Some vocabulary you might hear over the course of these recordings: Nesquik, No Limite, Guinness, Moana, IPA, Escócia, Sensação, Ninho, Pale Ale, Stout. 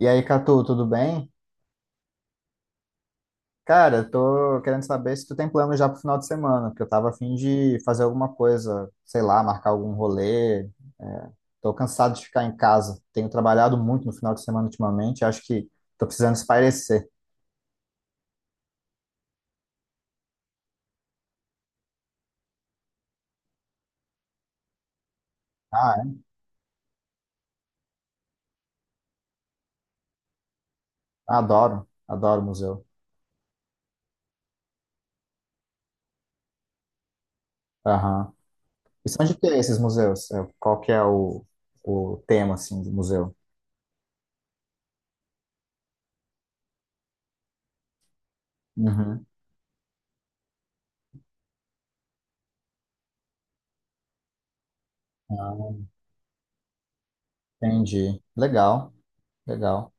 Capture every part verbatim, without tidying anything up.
E aí, Catu, tudo bem? Cara, eu tô querendo saber se tu tem plano já pro final de semana, porque eu tava a fim de fazer alguma coisa, sei lá, marcar algum rolê. É, tô cansado de ficar em casa. Tenho trabalhado muito no final de semana ultimamente, acho que tô precisando espairecer. Ah, é? Adoro, adoro museu. Aham. E são de que esses museus? É, qual que é o, o tema, assim, do museu? Uhum. Ah, entendi. Legal, legal.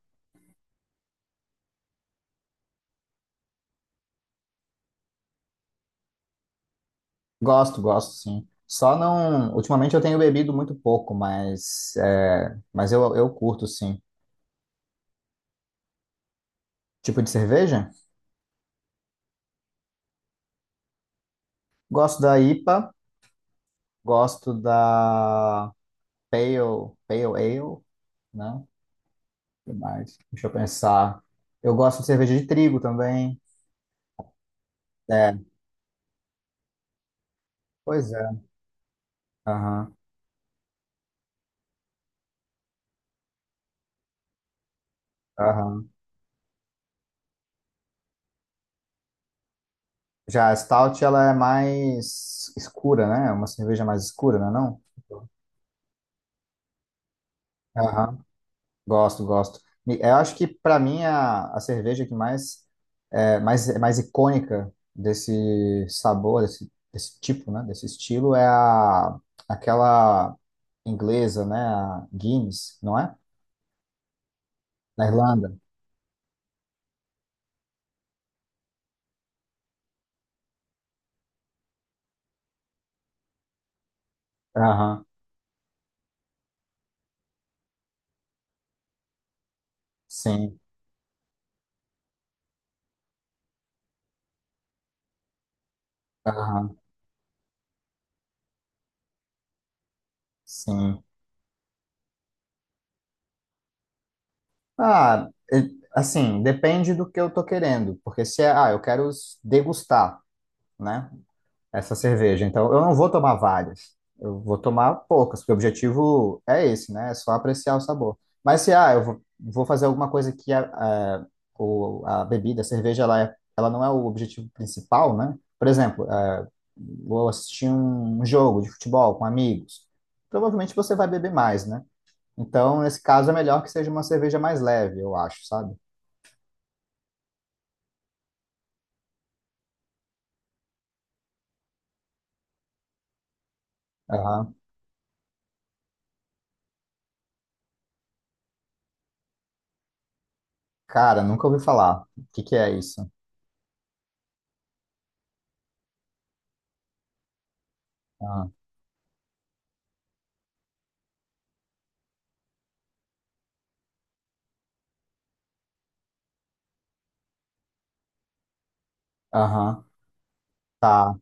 Gosto, gosto, sim. Só não. Ultimamente eu tenho bebido muito pouco, mas, é, mas eu, eu curto, sim. Tipo de cerveja? Gosto da I P A, gosto da Pale, Pale Ale, né? O que mais? Deixa eu pensar. Eu gosto de cerveja de trigo também. É, pois é. Aham, aham. Já a Stout, ela é mais escura, né? É uma cerveja mais escura, não é não? Aham. Gosto, gosto. E Eu acho que para mim a, a cerveja que mais é mais, é mais icônica desse sabor, desse, desse tipo, né, desse estilo é a aquela inglesa, né, a Guinness, não é? Na Irlanda. Aham. Sim. Aham. Sim. Ah, e- assim, depende do que eu tô querendo, porque se é, ah, eu quero s- degustar, né? Essa cerveja. Então, eu não vou tomar várias, eu vou tomar poucas, porque o objetivo é esse, né? É só apreciar o sabor. Mas se ah, eu vou, vou fazer alguma coisa que a, a, o- a bebida, a cerveja, ela, é, ela não é o objetivo principal, né? Por exemplo, eh, vou assistir um um jogo de futebol com amigos. Provavelmente você vai beber mais, né? Então, nesse caso, é melhor que seja uma cerveja mais leve, eu acho, sabe? Aham. Cara, nunca ouvi falar. O que que é isso? Aham. Aham. Tá.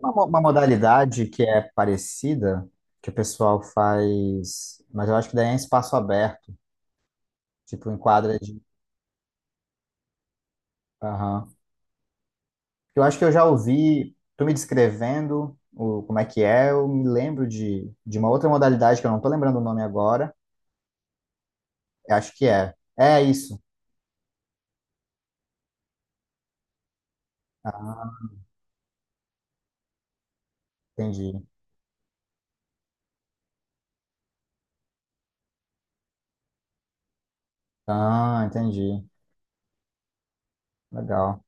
Uma, mo- uma modalidade que é parecida, que o pessoal faz, mas eu acho que daí é em espaço aberto, tipo em quadra de. Aham. Eu acho que eu já ouvi, tu me descrevendo o, como é que é, eu me lembro de, de uma outra modalidade que eu não tô lembrando o nome agora. Eu acho que é. É isso. Ah, entendi. Ah, entendi. Legal.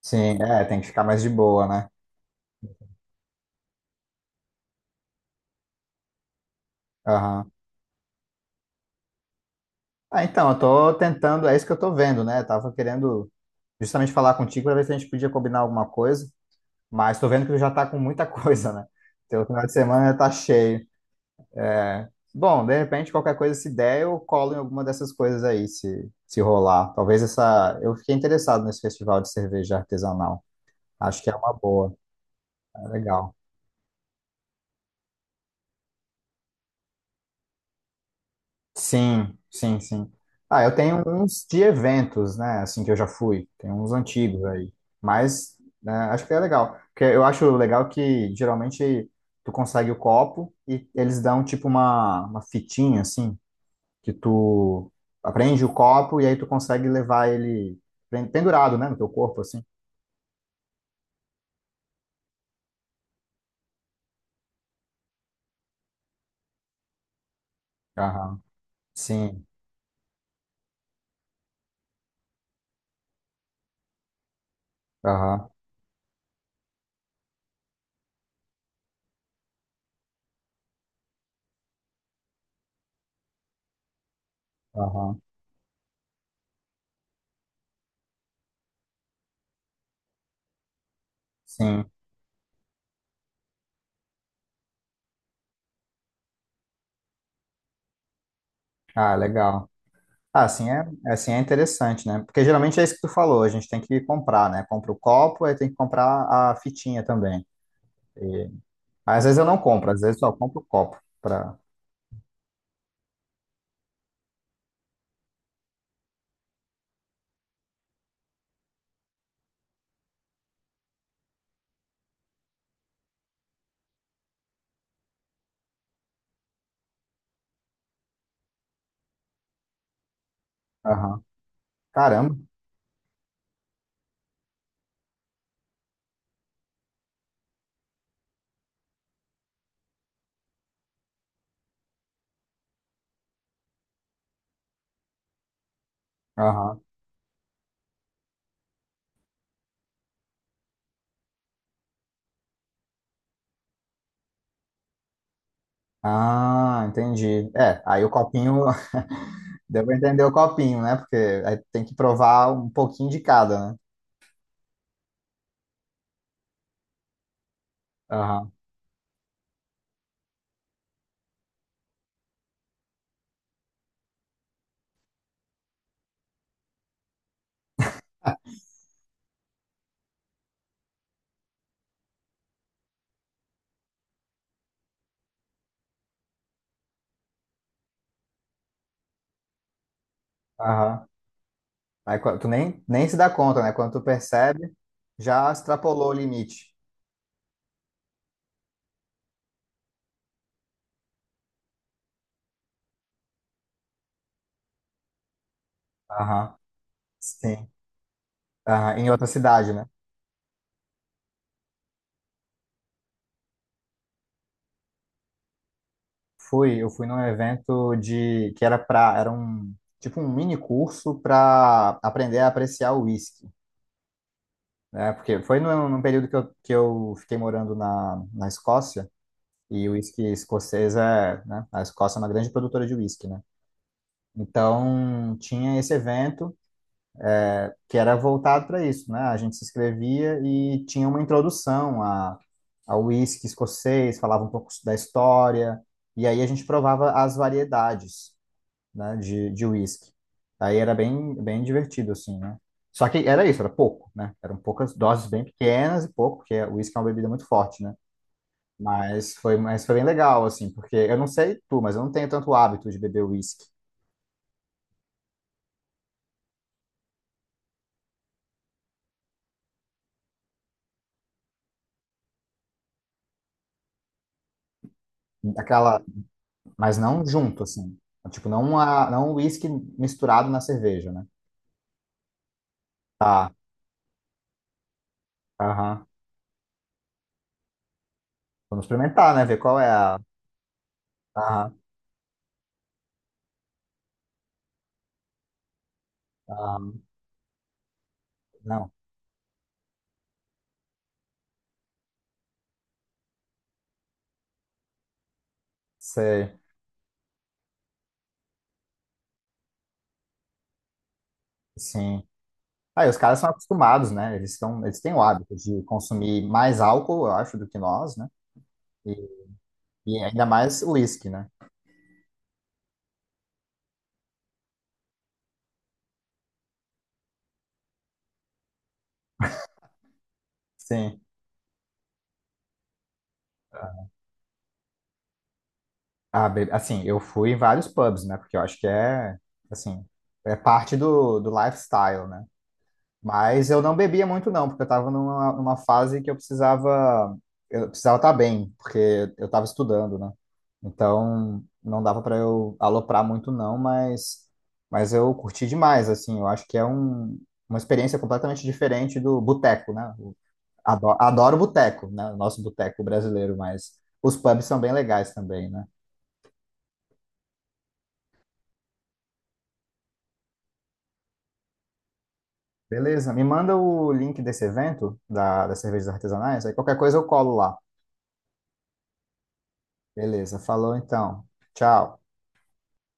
Sim, é, tem que ficar mais de boa, né? Ah, então, eu tô tentando, é isso que eu tô vendo, né? Eu tava querendo justamente falar contigo para ver se a gente podia combinar alguma coisa, mas tô vendo que tu já tá com muita coisa, né? Teu final de semana tá cheio. Bom, de repente, qualquer coisa, se der, eu colo em alguma dessas coisas aí, se, se rolar. Talvez essa. Eu fiquei interessado nesse festival de cerveja artesanal. Acho que é uma boa, é legal. Sim, sim, sim. Ah, eu tenho uns de eventos, né, assim, que eu já fui. Tem uns antigos aí. Mas, né, acho que é legal. Porque eu acho legal que, geralmente, tu consegue o copo e eles dão, tipo, uma, uma fitinha, assim, que tu aprende o copo e aí tu consegue levar ele pen- pendurado, né, no teu corpo, assim. Aham. Sim. Aham. Aham. Sim. Ah, legal. Ah, assim é, assim é interessante, né? Porque geralmente é isso que tu falou, a gente tem que comprar, né? Compra o copo, aí tem que comprar a fitinha também. E, às vezes eu não compro, às vezes só compro o copo pra. Aham. Caramba. Aham. Ah, entendi. É, aí o copinho. Deu pra entender o copinho, né? Porque aí tem que provar um pouquinho de cada, né? Aham, aham. Aí quan- tu nem, nem se dá conta, né? Quando tu percebe, já extrapolou o limite. Aham, sim. Aham. Em outra cidade, né? Fui. Eu fui num evento de que era para era um tipo, um mini curso para aprender a apreciar o whisky, né? Porque foi num, num período que eu, que eu fiquei morando na, na Escócia e o whisky escocês é, né? A Escócia é uma grande produtora de whisky, né? Então tinha esse evento que era voltado para isso, né? A gente se inscrevia e tinha uma introdução a ao whisky escocês, falava um pouco da história e aí a gente provava as variedades, né, de, de uísque. Aí era bem, bem divertido, assim, né? Só que era isso, era pouco, né? Eram poucas doses bem pequenas e pouco, porque o uísque é uma bebida muito forte, né? Mas foi, mas foi bem legal, assim, porque eu não sei tu, mas eu não tenho tanto hábito de beber uísque. Aquela, mas não junto, assim. Tipo, não, a, não uísque misturado na cerveja, né? Tá, aham. Vamos experimentar, né? Ver qual é a. Aham, aham. Não, sei, sim. Ah, e os caras são acostumados, né? Eles estão, eles têm o hábito de consumir mais álcool, eu acho, do que nós, né? E, e ainda mais uísque, né? Sim. Ah, be- assim, eu fui em vários pubs, né? Porque eu acho que é, assim, é parte do, do lifestyle, né? Mas eu não bebia muito, não, porque eu estava numa, numa fase que eu precisava, eu precisava estar bem, porque eu estava estudando, né? Então não dava para eu aloprar muito, não, mas, mas eu curti demais, assim. Eu acho que é um, uma experiência completamente diferente do boteco, né? Eu adoro, adoro boteco, né? O nosso boteco brasileiro, mas os pubs são bem legais também, né? Beleza, me manda o link desse evento da, das cervejas artesanais, aí qualquer coisa eu colo lá. Beleza, falou então. Tchau.